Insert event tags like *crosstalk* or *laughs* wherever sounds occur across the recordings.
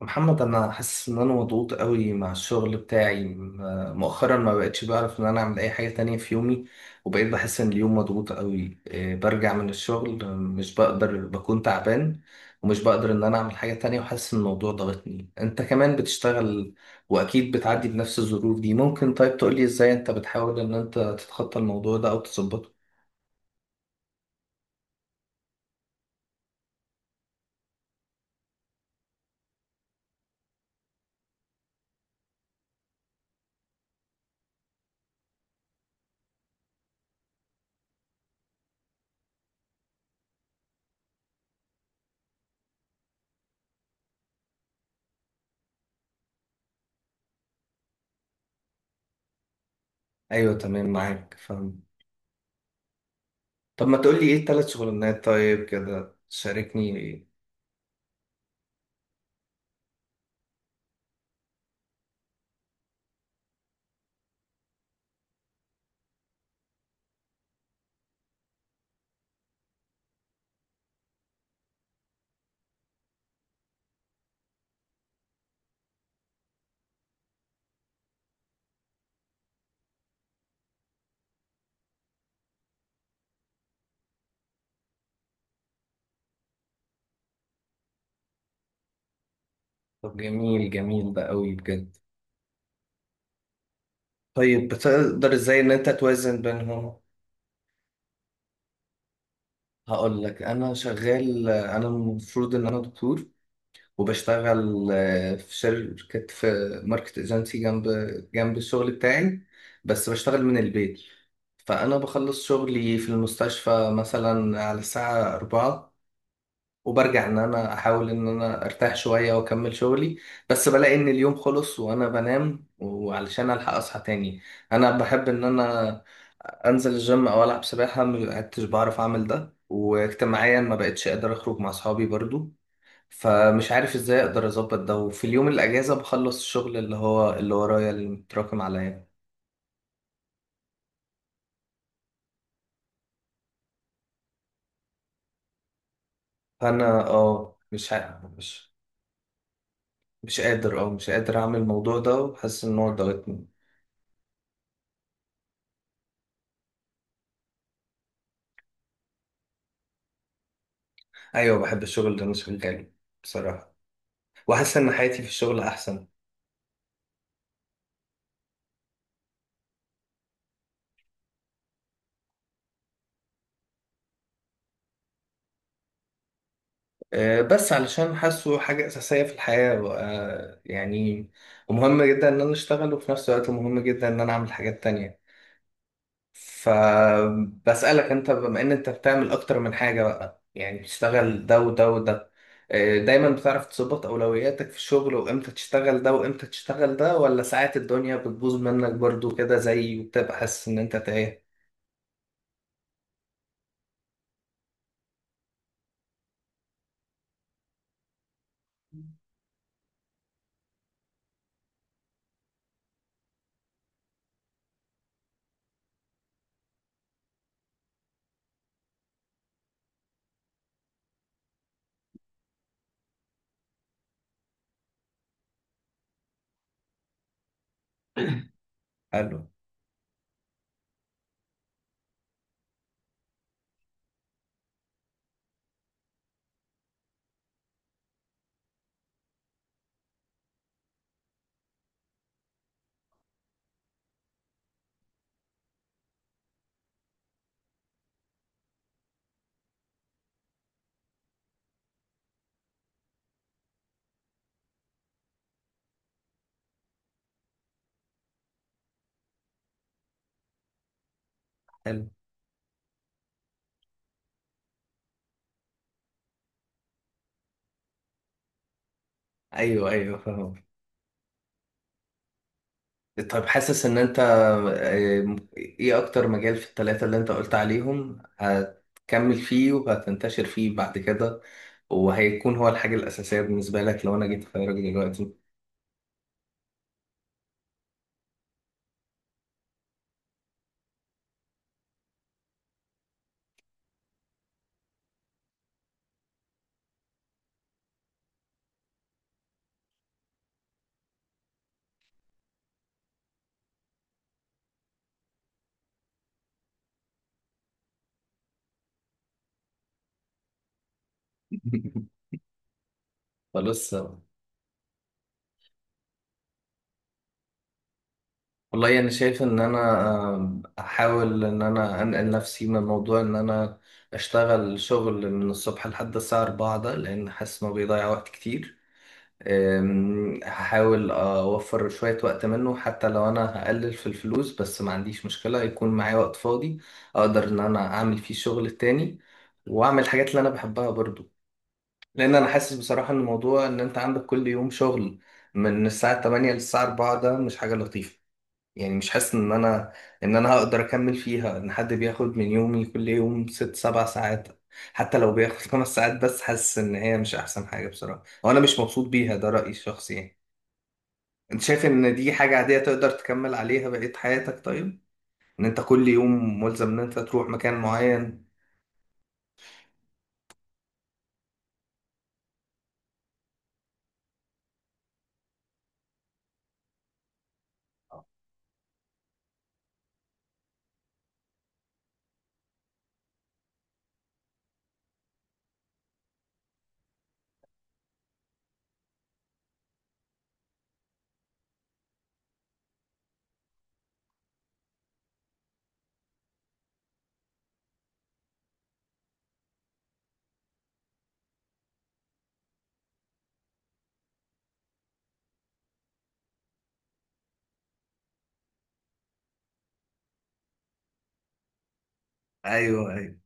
محمد، انا حاسس ان انا مضغوط قوي مع الشغل بتاعي مؤخرا ما بقتش بعرف ان انا اعمل اي حاجة تانية في يومي. وبقيت بحس ان اليوم مضغوط قوي إيه، برجع من الشغل، مش بقدر، بكون تعبان. ومش بقدر ان انا اعمل حاجة تانية، وحاسس ان الموضوع ضغطني. انت كمان بتشتغل واكيد بتعدي بنفس الظروف دي. ممكن طيب تقولي ازاي انت بتحاول ان انت تتخطى الموضوع ده او تظبطه؟ ايوه، تمام، معاك، فاهم. طب ما تقولي ايه التلات شغلانات؟ طيب كده شاركني. طب، جميل جميل ده قوي بجد. طيب، بتقدر ازاي ان انت توازن بينهم؟ هقول لك. انا شغال، انا المفروض ان انا دكتور. وبشتغل في شركة، في ماركت ايجنسي جنب الشغل بتاعي. بس بشتغل من البيت. فانا بخلص شغلي في المستشفى مثلا على الساعة 4، وبرجع ان انا احاول ان انا ارتاح شوية واكمل شغلي. بس بلاقي ان اليوم خلص وانا بنام، وعلشان الحق اصحى تاني. انا بحب ان انا انزل الجيم او العب سباحة، ما بقتش بعرف اعمل ده. واجتماعيا ما بقتش اقدر اخرج مع اصحابي برضو. فمش عارف ازاي اقدر اظبط ده، وفي اليوم الاجازة بخلص الشغل اللي هو اللي ورايا اللي متراكم عليا. فانا مش عارف، مش قادر، اعمل الموضوع ده، وحاسس ان هو ضغطني. ايوه، بحب الشغل اللي انا شغاله بصراحه، وحاسس ان حياتي في الشغل احسن. بس علشان حاسه حاجه اساسيه في الحياه، يعني. ومهم جدا ان انا اشتغل، وفي نفس الوقت مهم جدا ان انا اعمل حاجات تانية. فبسالك انت، بما ان انت بتعمل اكتر من حاجه بقى، يعني بتشتغل ده وده وده، دايما بتعرف تظبط اولوياتك في الشغل، وامتى تشتغل ده وامتى تشتغل ده، ولا ساعات الدنيا بتبوظ منك برضو كده وبتبقى حاسس ان انت تايه؟ حلو. حلو. ايوه، ايوه، فاهم. طيب، حاسس ان انت، ايه اكتر مجال في الثلاثة اللي انت قلت عليهم هتكمل فيه وهتنتشر فيه بعد كده، وهيكون هو الحاجة الأساسية بالنسبة لك، لو انا جيت اخيرك دلوقتي؟ *laughs* فبص. والله انا شايف ان انا، احاول ان انا انقل نفسي من موضوع ان انا اشتغل شغل من الصبح لحد الساعة 4 ده، لان حاسس انه بيضيع وقت كتير. هحاول أوفر شوية وقت منه، حتى لو أنا هقلل في الفلوس، بس ما عنديش مشكلة يكون معايا وقت فاضي. أقدر إن أنا أعمل فيه شغل تاني، وأعمل الحاجات اللي أنا بحبها برضو. لأن أنا حاسس بصراحة إن الموضوع، إن أنت عندك كل يوم شغل من الساعة 8 للساعة 4، ده مش حاجة لطيفة. يعني مش حاسس ان انا هقدر اكمل فيها، ان حد بياخد من يومي كل يوم ست سبع ساعات. حتى لو بياخد *laughs* خمس ساعات. بس حاسس ان هي مش احسن حاجة بصراحة، وانا مش مبسوط بيها. ده رأيي الشخصي يعني. انت شايف ان دي حاجة عادية تقدر تكمل عليها بقية حياتك طيب؟ ان انت كل يوم ملزم ان انت تروح مكان معين؟ ايوه، ايوه.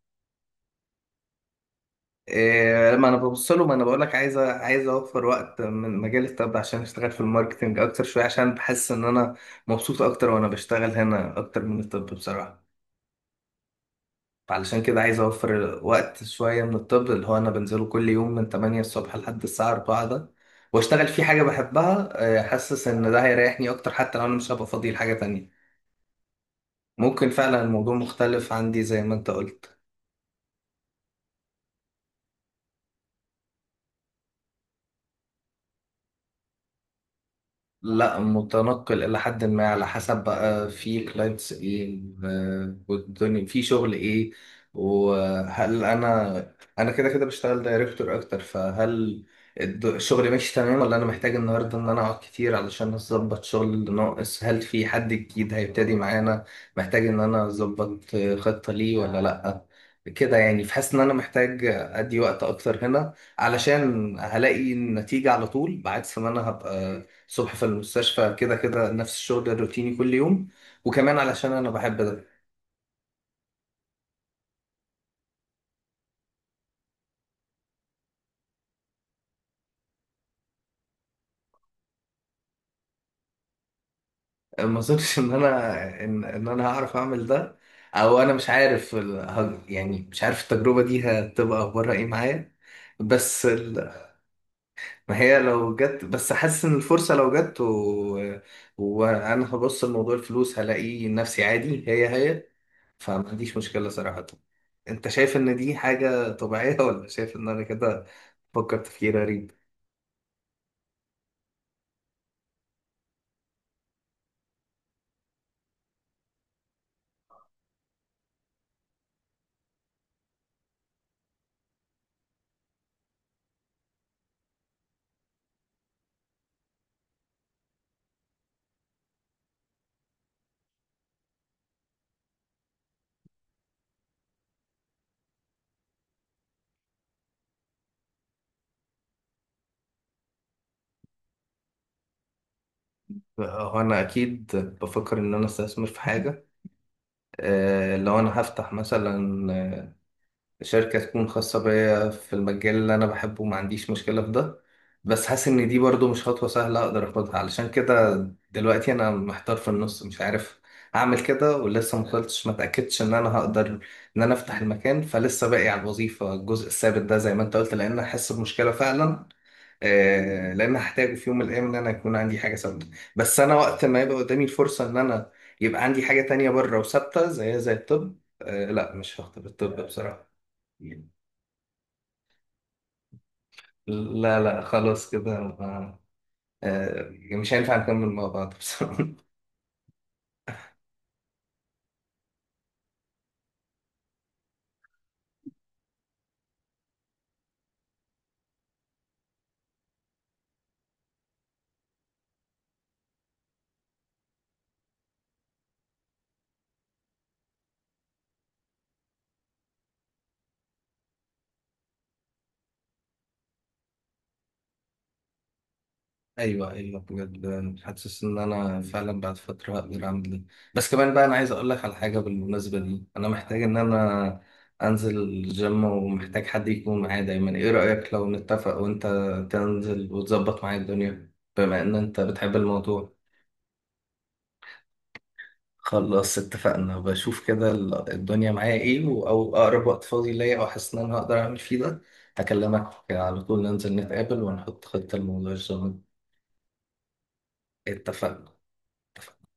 إيه، ما انا ببص له. ما انا بقول لك: عايز عايز اوفر وقت من مجال الطب عشان اشتغل في الماركتنج اكتر شويه، عشان بحس ان انا مبسوط اكتر وانا بشتغل هنا اكتر من الطب بصراحه. علشان كده عايز اوفر وقت شويه من الطب، اللي هو انا بنزله كل يوم من 8 الصبح لحد الساعه 4 ده، واشتغل فيه حاجه بحبها. حاسس ان ده هيريحني اكتر، حتى لو انا مش هبقى فاضي لحاجه تانية. ممكن فعلا الموضوع مختلف عندي زي ما انت قلت. لا، متنقل إلى حد ما، على حسب بقى في كلاينتس إيه، والدنيا في شغل إيه. وهل أنا كده كده بشتغل دايركتور أكتر، فهل الشغل ماشي تمام، ولا أنا محتاج النهاردة إن أنا أقعد كتير علشان أظبط شغل اللي ناقص. هل في حد جديد هيبتدي معانا محتاج إن أنا أظبط خطة ليه ولا لأ؟ كده يعني. فحاسس إن أنا محتاج أدي وقت أكتر هنا، علشان هلاقي النتيجة على طول، بعكس ما أنا هبقى الصبح في المستشفى، كده كده نفس الشغل الروتيني كل يوم. وكمان علشان انا بحب ده. ما اظنش إن انا هعرف اعمل ده. او انا مش عارف ال- ه- يعني مش عارف التجربة دي هتبقى اخبارها ايه معايا. بس ال... ما هي لو جت، بس حاسس ان الفرصة لو جت وانا هبص لموضوع الفلوس هلاقي نفسي عادي، هي هي. فما عنديش مشكلة صراحة. انت شايف ان دي حاجة طبيعية ولا شايف ان انا كده بفكر تفكير غريب؟ هو انا اكيد بفكر ان انا استثمر في حاجه. لو انا هفتح مثلا، شركه تكون خاصه بيا في المجال اللي انا بحبه، ما عنديش مشكله في ده. بس حاسس ان دي برضو مش خطوه سهله اقدر اخدها. علشان كده دلوقتي انا محتار في النص، مش عارف اعمل كده. ولسه ما وصلتش، ما اتاكدتش ان انا هقدر ان انا افتح المكان. فلسه باقي على الوظيفه الجزء الثابت ده زي ما انت قلت، لان احس بمشكله فعلا. لان هحتاجه في يوم من الايام ان انا يكون عندي حاجه ثابته. بس انا وقت ما يبقى قدامي الفرصه ان انا يبقى عندي حاجه تانية بره وثابته، زي الطب، لا، مش هختار الطب بصراحه. لا، لا، خلاص كده، آه، مش هينفع نكمل مع بعض بصراحه. ايوه، ايوه، بجد حاسس ان انا فعلا بعد فتره اقدر اعمل ده. بس كمان بقى، انا عايز اقول لك على حاجه بالمناسبه دي. انا محتاج ان انا انزل الجيم، ومحتاج حد يكون معايا دايما. ايه رايك لو نتفق وانت تنزل وتظبط معايا الدنيا، بما ان انت بتحب الموضوع؟ خلاص اتفقنا. بشوف كده الدنيا معايا ايه، او اقرب وقت فاضي ليا، او حاسس ان انا هقدر اعمل فيه ده. هكلمك على طول، ننزل نتقابل ونحط خطه لموضوع الجيم. اتفقنا. اتفقنا.